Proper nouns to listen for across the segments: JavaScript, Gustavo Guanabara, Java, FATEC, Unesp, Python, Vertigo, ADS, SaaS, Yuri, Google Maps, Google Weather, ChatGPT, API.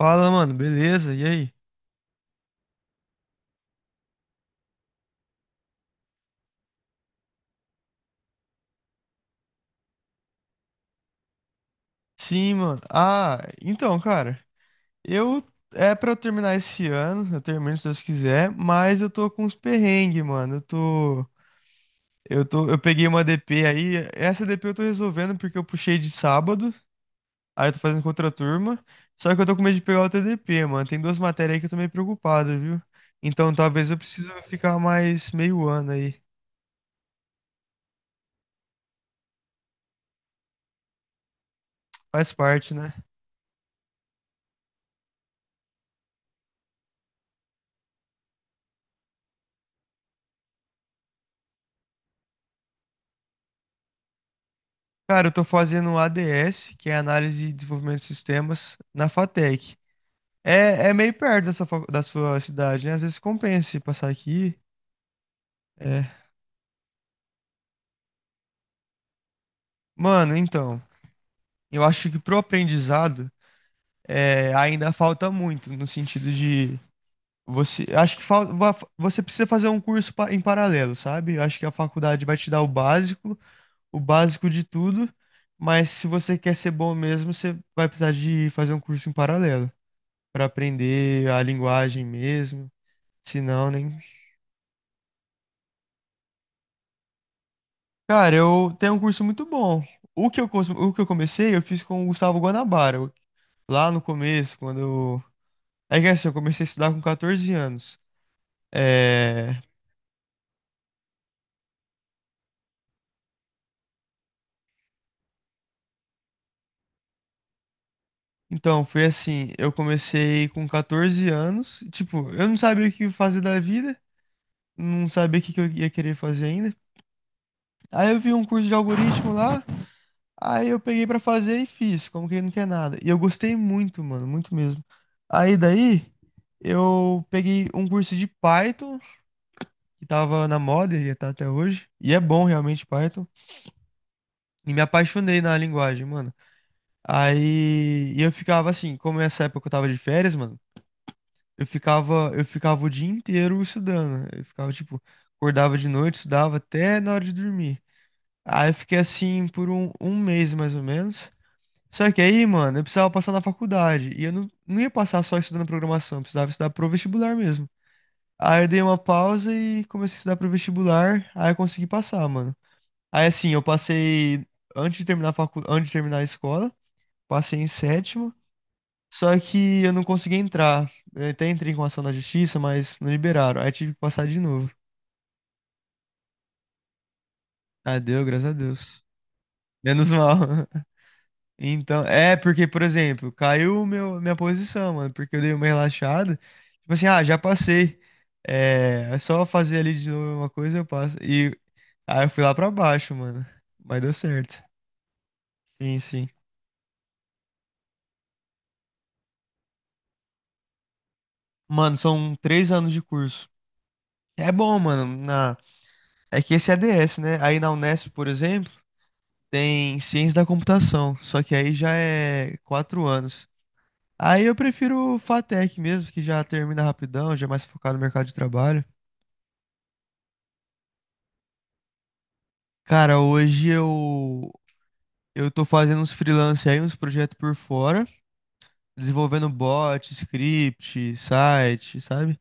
Fala, mano, beleza? E aí? Sim, mano. Ah, então, cara, eu é pra eu terminar esse ano, eu termino se Deus quiser, mas eu tô com uns perrengues, mano. Eu tô eu tô eu peguei uma DP aí, essa DP eu tô resolvendo porque eu puxei de sábado, aí eu tô fazendo com outra turma, só que eu tô com medo de pegar outra DP, mano. Tem duas matérias aí que eu tô meio preocupado, viu? Então, talvez eu precise ficar mais meio ano aí. Faz parte, né? Cara, eu tô fazendo ADS, que é Análise e Desenvolvimento de Sistemas, na FATEC. É, é meio perto da sua, da sua cidade, né? Às vezes compensa se passar aqui. É. Mano, então, eu acho que pro aprendizado ainda falta muito, no sentido de você. Acho que falta, você precisa fazer um curso em paralelo, sabe? Eu acho que a faculdade vai te dar o básico de tudo, mas se você quer ser bom mesmo, você vai precisar de fazer um curso em paralelo, pra aprender a linguagem mesmo. Se não, nem. Cara, eu tenho um curso muito bom. O que eu comecei, eu fiz com o Gustavo Guanabara. Lá no começo, quando eu. É que assim, eu comecei a estudar com 14 anos. É. Então, foi assim, eu comecei com 14 anos, tipo, eu não sabia o que fazer da vida, não sabia o que que eu ia querer fazer ainda. Aí eu vi um curso de algoritmo lá. Aí eu peguei pra fazer e fiz, como quem não quer nada. E eu gostei muito, mano, muito mesmo. Aí daí eu peguei um curso de Python, que tava na moda e tá até hoje. E é bom realmente Python. E me apaixonei na linguagem, mano. Aí e eu ficava assim, como nessa época eu tava de férias, mano, eu ficava o dia inteiro estudando. Eu ficava, tipo, acordava de noite, estudava até na hora de dormir. Aí eu fiquei assim por um mês mais ou menos. Só que aí, mano, eu precisava passar na faculdade. E eu não ia passar só estudando programação, eu precisava estudar pro vestibular mesmo. Aí eu dei uma pausa e comecei a estudar pro vestibular, aí eu consegui passar, mano. Aí assim, eu passei antes de terminar a antes de terminar a escola, passei em sétimo, só que eu não consegui entrar. Eu até entrei com ação na justiça, mas não liberaram. Aí tive que passar de novo. Ah, deu, graças a Deus. Menos mal. Então, é porque, por exemplo, minha posição, mano, porque eu dei uma relaxada. Tipo assim, ah, já passei. É, é só fazer ali de novo uma coisa, eu passo. E aí eu fui lá pra baixo, mano. Mas deu certo. Sim, sim. Mano, são três anos de curso. É bom, mano. Na... É que esse é ADS, né? Aí na Unesp, por exemplo, tem ciência da computação. Só que aí já é quatro anos. Aí eu prefiro o FATEC mesmo, que já termina rapidão, já é mais focado no mercado de trabalho. Cara, hoje eu tô fazendo uns freelance aí, uns projetos por fora, desenvolvendo bot, script, site, sabe?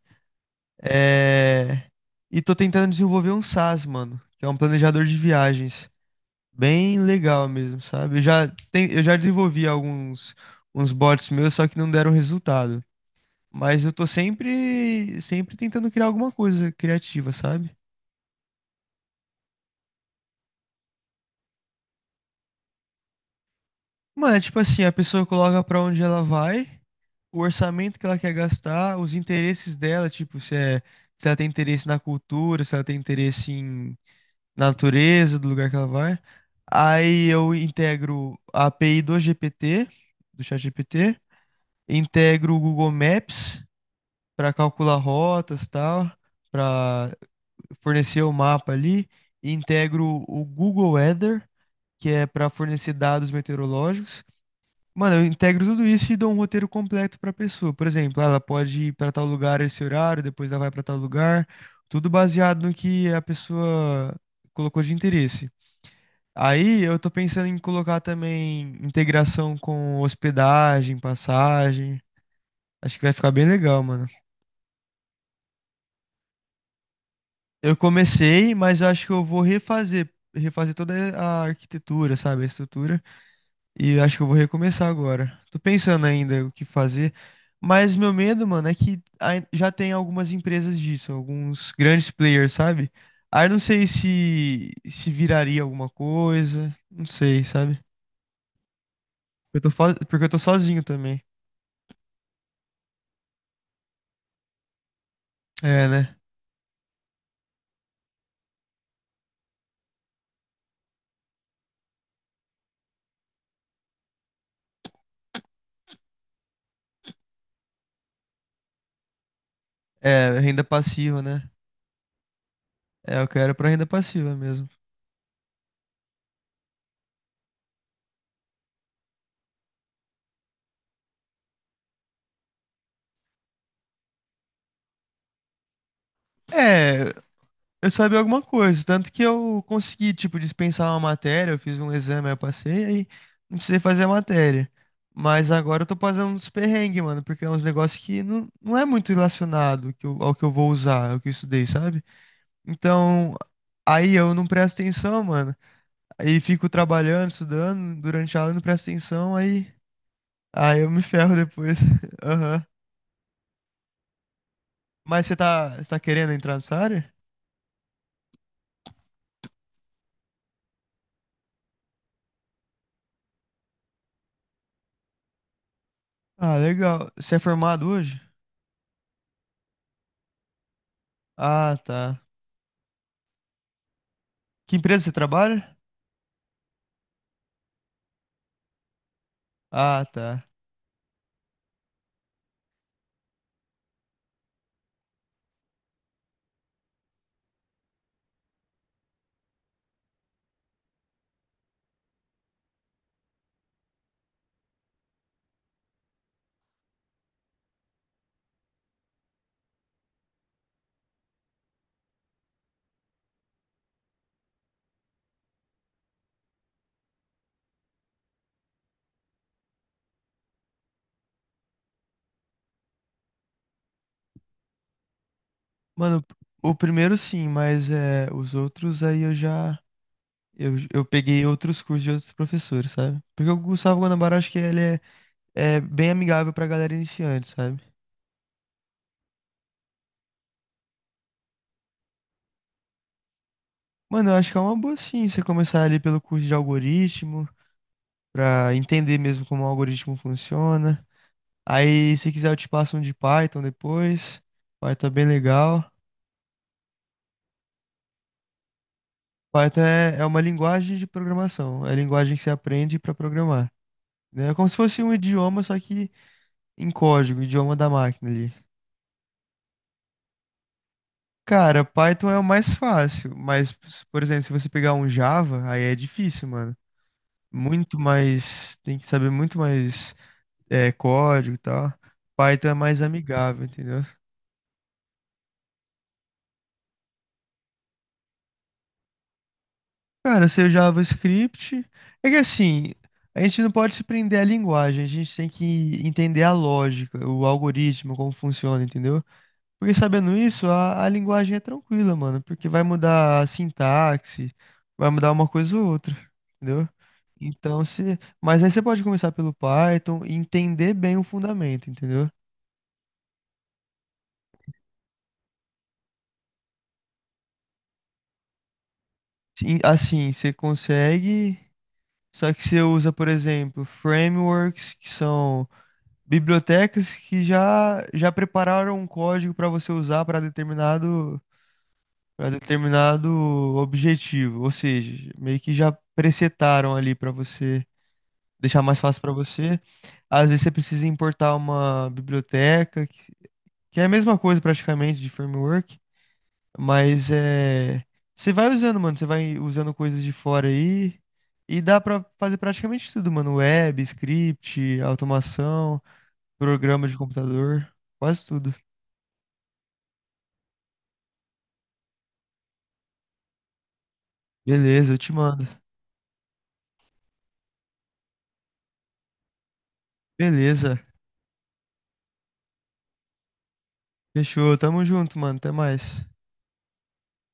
É... E tô tentando desenvolver um SaaS, mano, que é um planejador de viagens. Bem legal mesmo, sabe? Eu já desenvolvi alguns uns bots meus, só que não deram resultado. Mas eu tô sempre tentando criar alguma coisa criativa, sabe? Mano, é tipo assim, a pessoa coloca pra onde ela vai, o orçamento que ela quer gastar, os interesses dela, tipo, se, se ela tem interesse na cultura, se ela tem interesse na natureza do lugar que ela vai. Aí eu integro a API do GPT, do ChatGPT, integro o Google Maps para calcular rotas e tal, para fornecer o mapa ali, e integro o Google Weather, que é para fornecer dados meteorológicos. Mano, eu integro tudo isso e dou um roteiro completo pra pessoa. Por exemplo, ela pode ir pra tal lugar esse horário, depois ela vai pra tal lugar, tudo baseado no que a pessoa colocou de interesse. Aí eu tô pensando em colocar também integração com hospedagem, passagem. Acho que vai ficar bem legal, mano. Eu comecei, mas eu acho que eu vou refazer, refazer toda a arquitetura, sabe, a estrutura. E acho que eu vou recomeçar agora. Tô pensando ainda o que fazer, mas meu medo, mano, é que já tem algumas empresas disso, alguns grandes players, sabe? Aí não sei se viraria alguma coisa, não sei, sabe? Porque eu tô sozinho também. É, né? É, renda passiva, né? É, eu quero pra renda passiva mesmo. É, eu sabia alguma coisa, tanto que eu consegui, tipo, dispensar uma matéria, eu fiz um exame, aí eu passei, aí não precisei fazer a matéria. Mas agora eu tô fazendo uns perrengues, mano, porque é uns negócios que não é muito relacionado ao que eu vou usar, ao que eu estudei, sabe? Então, aí eu não presto atenção, mano, aí fico trabalhando, estudando, durante a aula eu não presto atenção, aí eu me ferro depois. Aham. Mas você tá querendo entrar nessa área? Ah, legal. Você é formado hoje? Ah, tá. Que empresa você trabalha? Ah, tá. Mano, o primeiro sim, mas é, os outros aí eu já. Eu peguei outros cursos de outros professores, sabe? Porque o Gustavo Guanabara, acho que é bem amigável pra galera iniciante, sabe? Mano, eu acho que é uma boa sim você começar ali pelo curso de algoritmo, pra entender mesmo como o algoritmo funciona. Aí, se quiser, eu te passo um de Python depois. Python é bem legal. Python é, é uma linguagem de programação, é a linguagem que você aprende pra programar, né? É como se fosse um idioma, só que em código, o idioma da máquina ali. Cara, Python é o mais fácil, mas, por exemplo, se você pegar um Java, aí é difícil, mano. Muito mais. Tem que saber muito mais código e tal. Python é mais amigável, entendeu? Cara, seu JavaScript. É que assim, a gente não pode se prender à linguagem, a gente tem que entender a lógica, o algoritmo, como funciona, entendeu? Porque sabendo isso, a linguagem é tranquila, mano, porque vai mudar a sintaxe, vai mudar uma coisa ou outra, entendeu? Então, se, mas aí você pode começar pelo Python e entender bem o fundamento, entendeu? Sim, assim, você consegue, só que você usa, por exemplo, frameworks, que são bibliotecas já prepararam um código para você usar para determinado objetivo, ou seja, meio que já presetaram ali para você deixar mais fácil para você. Às vezes você precisa importar uma biblioteca, que é a mesma coisa praticamente de framework, mas é, você vai usando coisas de fora aí e dá para fazer praticamente tudo, mano, web, script, automação, programa de computador, quase tudo. Beleza, eu te mando. Beleza. Fechou, tamo junto, mano, até mais.